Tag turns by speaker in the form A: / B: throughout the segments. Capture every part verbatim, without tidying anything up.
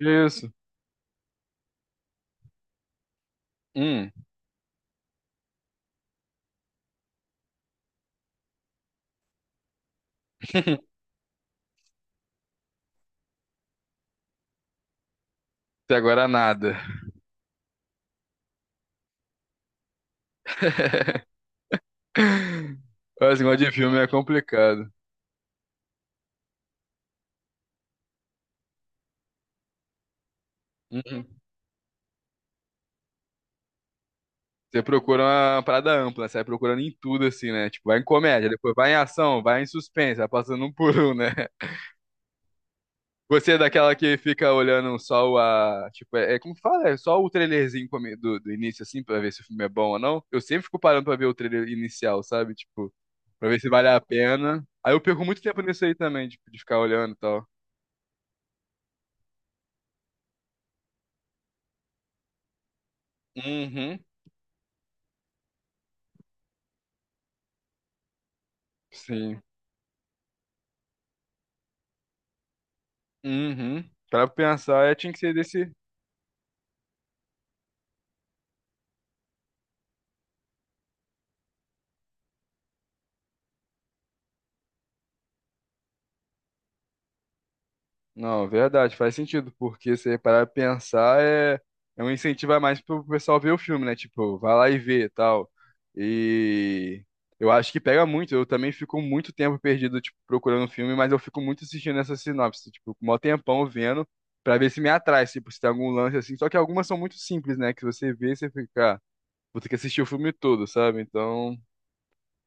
A: Isso. Hum. Até agora nada. Mas esse negócio de filme é complicado. Uhum. Você procura uma parada ampla, né? Você vai procurando em tudo, assim, né? Tipo, vai em comédia, depois vai em ação, vai em suspense, vai passando um por um, né? Você é daquela que fica olhando só o, a. Tipo, é, é como que fala? É só o trailerzinho come- do, do início, assim, pra ver se o filme é bom ou não. Eu sempre fico parando pra ver o trailer inicial, sabe? Tipo, pra ver se vale a pena. Aí eu perco muito tempo nisso aí também, tipo, de ficar olhando e tal. Uhum. Sim. Uhum. Pra pensar, é, tinha que ser desse. Não, verdade, faz sentido, porque se parar pra pensar, é, é um incentivo a mais pro pessoal ver o filme, né? Tipo, vai lá e vê e tal. E eu acho que pega muito. Eu também fico muito tempo perdido, tipo, procurando filme, mas eu fico muito assistindo essa sinopse, tipo, com o maior tempão vendo, pra ver se me atrai, tipo, se tem algum lance assim. Só que algumas são muito simples, né? Que você vê e você fica, ah, vou ter que assistir o filme todo, sabe? Então,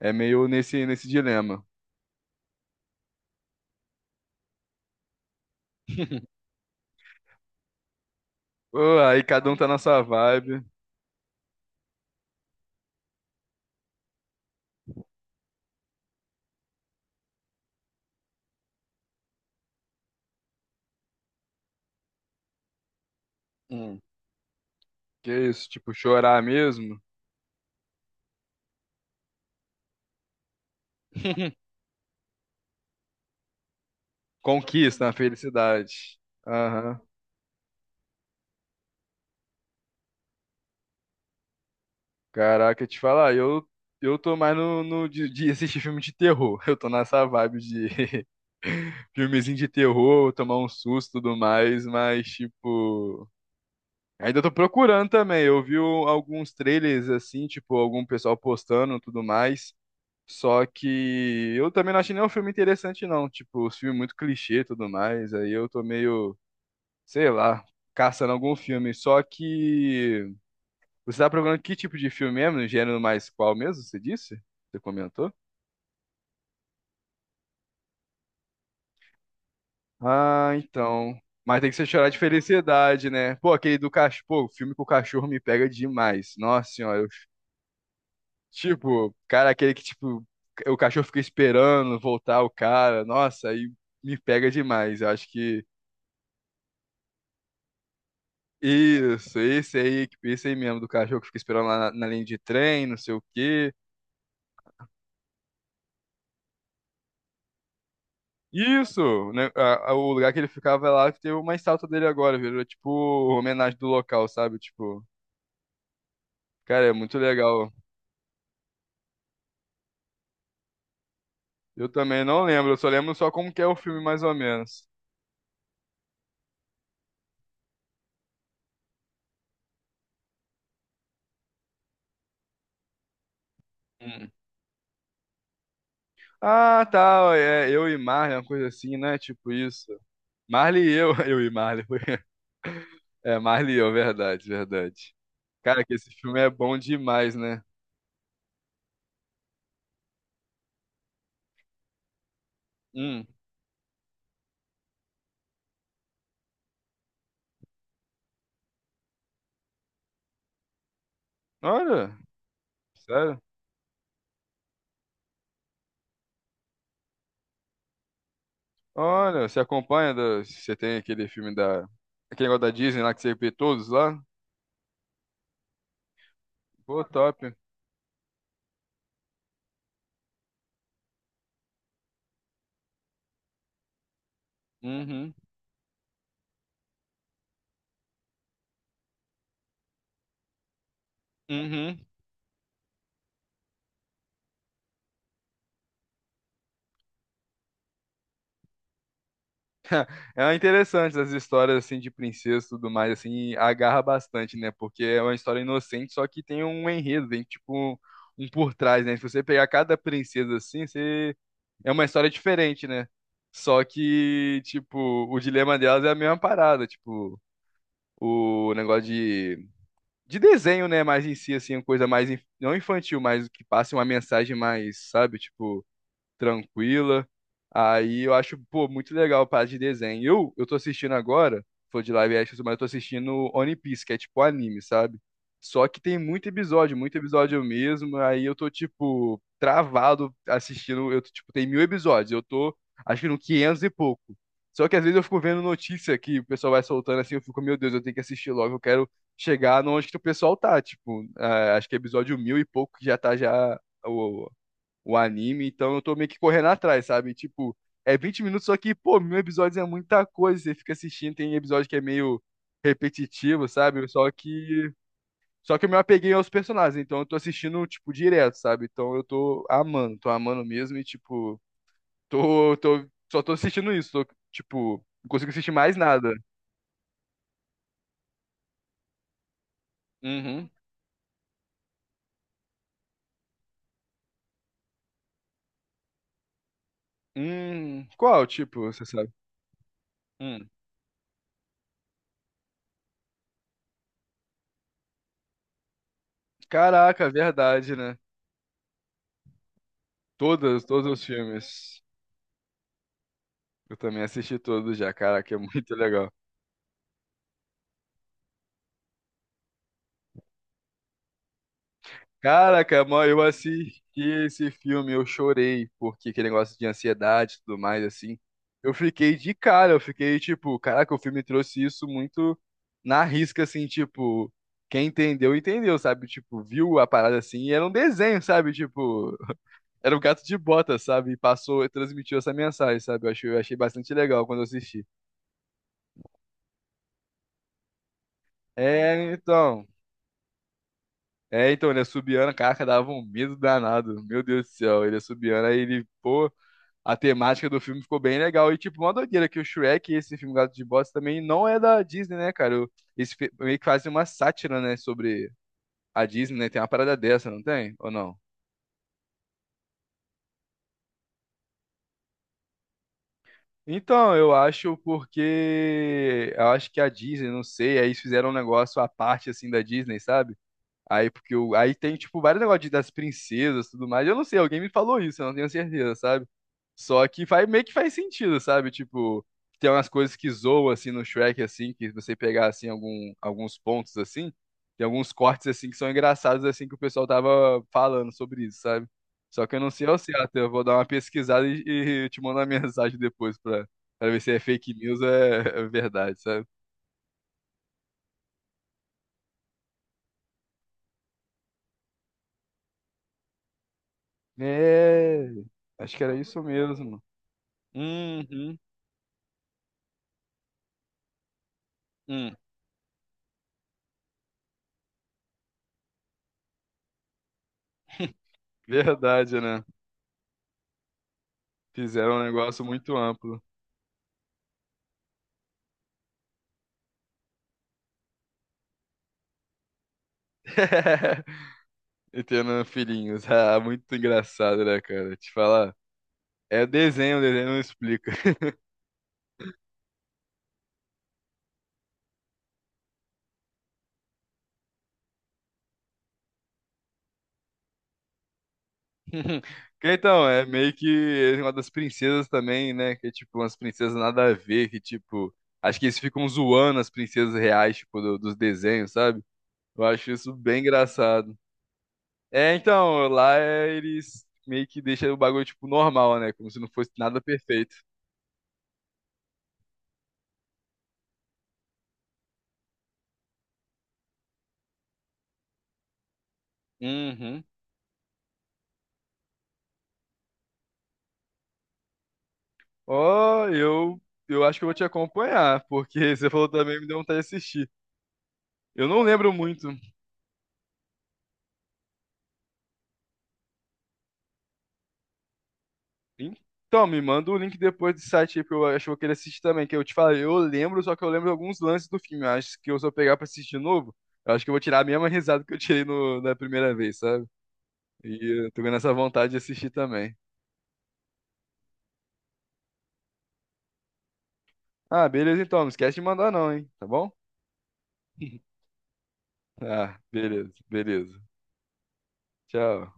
A: é meio nesse, nesse dilema. Pô, aí cada um tá na sua vibe. Hum. Que isso, tipo, chorar mesmo? Conquista a felicidade. Aham. Caraca, eu te falar, eu, eu tô mais no, no de, de assistir filme de terror. Eu tô nessa vibe de filmezinho de terror, tomar um susto e tudo mais, mas, tipo. Ainda tô procurando também. Eu vi o- alguns trailers assim, tipo, algum pessoal postando e tudo mais. Só que eu também não achei nenhum filme interessante, não. Tipo, os filmes muito clichê e tudo mais. Aí eu tô meio, sei lá, caçando algum filme. Só que você tá procurando que tipo de filme mesmo? No gênero mais qual mesmo? Você disse? Você comentou? Ah, então. Mas tem que ser chorar de felicidade, né? Pô, aquele do cachorro. Pô, o filme com o cachorro me pega demais. Nossa senhora. eu- Tipo, cara, aquele que, tipo, o cachorro fica esperando voltar o cara. Nossa, aí me pega demais. Eu acho que. Isso, esse aí, esse aí mesmo, do cachorro que fica esperando lá na, na linha de trem, não sei o quê. Isso! Né, a- a- o lugar que ele ficava é lá que tem uma estátua dele agora, virou tipo homenagem do local, sabe? Tipo, cara, é muito legal. Eu também não lembro, eu só lembro só como que é o filme, mais ou menos. Hum. Ah, tá, é eu e Marley, uma coisa assim, né? Tipo isso. Marley e eu, eu e Marley. foi. É, Marley e eu, verdade, verdade. Cara, que esse filme é bom demais, né? Hum. Olha. Sério? Olha, você acompanha, da- você tem aquele filme da... Aquele negócio da Disney lá que você vê todos lá? Pô, top. Uhum, uhum. É interessante as histórias, assim, de princesa e tudo mais, assim, agarra bastante, né? Porque é uma história inocente, só que tem um enredo, tem, tipo, um um por trás, né? Se você pegar cada princesa, assim, você... É uma história diferente, né? Só que, tipo, o dilema delas é a mesma parada, tipo... O negócio de de desenho, né? Mais em si, assim, uma coisa mais, inf- não infantil, mas que passe uma mensagem mais, sabe? Tipo tranquila. Aí eu acho, pô, muito legal a parte de desenho. Eu, eu tô assistindo agora, foi de live action, mas eu tô assistindo One Piece, que é tipo anime, sabe? Só que tem muito episódio, muito episódio mesmo. Aí eu tô, tipo, travado assistindo. Eu, tô, tipo, tem mil episódios. Eu tô, acho que no quinhentos e pouco. Só que às vezes eu fico vendo notícia que o pessoal vai soltando assim. Eu fico, meu Deus, eu tenho que assistir logo. Eu quero chegar no onde que o pessoal tá. Tipo, ah, acho que é episódio mil e pouco que já tá já o anime, então eu tô meio que correndo atrás, sabe? Tipo, é vinte minutos, só que, pô, mil episódios é muita coisa, você fica assistindo, tem episódio que é meio repetitivo, sabe? Só que. Só que eu me apeguei aos personagens, então eu tô assistindo, tipo, direto, sabe? Então eu tô amando, tô amando mesmo e, tipo, tô, tô, só tô assistindo isso, tô, tipo, não consigo assistir mais nada. Uhum. Hum, qual, tipo, você sabe? Hum. Caraca, verdade, né? Todas, todos os filmes. Eu também assisti tudo já, caraca, é muito legal. Caraca, mano, eu assisti esse filme, eu chorei, porque aquele negócio de ansiedade e tudo mais, assim. Eu fiquei de cara, eu fiquei tipo, caraca, o filme trouxe isso muito na risca, assim, tipo, quem entendeu, entendeu, sabe? Tipo, viu a parada assim, e era um desenho, sabe? Tipo, era um gato de bota, sabe? E passou, transmitiu essa mensagem, sabe? Eu achei, eu achei bastante legal quando eu assisti. É, então. É, então, ele assobiando, caraca, dava um medo danado. Meu Deus do céu, ele assobiando, aí ele, pô, a temática do filme ficou bem legal. E, tipo, uma doideira que o Shrek, esse filme Gato de Botas, também não é da Disney, né, cara? O- Esse fi- meio que faz uma sátira, né, sobre a Disney, né? Tem uma parada dessa, não tem? Ou não? Então, eu acho porque. Eu acho que a Disney, não sei, aí eles fizeram um negócio à parte, assim, da Disney, sabe? Aí, porque o... aí tem, tipo, vários negócios de- das princesas e tudo mais. Eu não sei, alguém me falou isso, eu não tenho certeza, sabe? Só que faz, meio que faz sentido, sabe? Tipo, tem umas coisas que zoam assim no Shrek, assim, que você pegar assim algum, alguns pontos assim, tem alguns cortes assim que são engraçados assim que o pessoal tava falando sobre isso, sabe? Só que eu não sei ao certo, eu vou dar uma pesquisada e, e te mandar uma mensagem depois pra, pra ver se é fake news ou é, é verdade, sabe? É, acho que era isso mesmo. Uhum, hum. Verdade, né? Fizeram um negócio muito amplo. E tendo filhinhos. Ah, muito engraçado, né, cara? Te falar. É desenho, desenho não explica. Que Então, é meio que uma das princesas também, né? Que é tipo umas princesas nada a ver, que tipo. Acho que eles ficam zoando as princesas reais, tipo, do- dos desenhos, sabe? Eu acho isso bem engraçado. É, então, lá é, eles meio que deixam o bagulho, tipo, normal, né? Como se não fosse nada perfeito. Uhum. Ó, eu, eu acho que eu vou te acompanhar, porque você falou também, me deu vontade de assistir. Eu não lembro muito. Então, me manda o link depois do site aí, porque eu acho que eu vou querer assistir também. Que eu te falei, eu lembro, só que eu lembro alguns lances do filme. Eu Acho que eu, se eu pegar pra assistir de novo, eu acho que eu vou tirar a mesma risada que eu tirei no, da primeira vez, sabe? E eu tô ganhando essa vontade de assistir também. Ah, beleza então, não esquece de mandar não, hein? Tá bom? Ah, beleza, beleza. Tchau.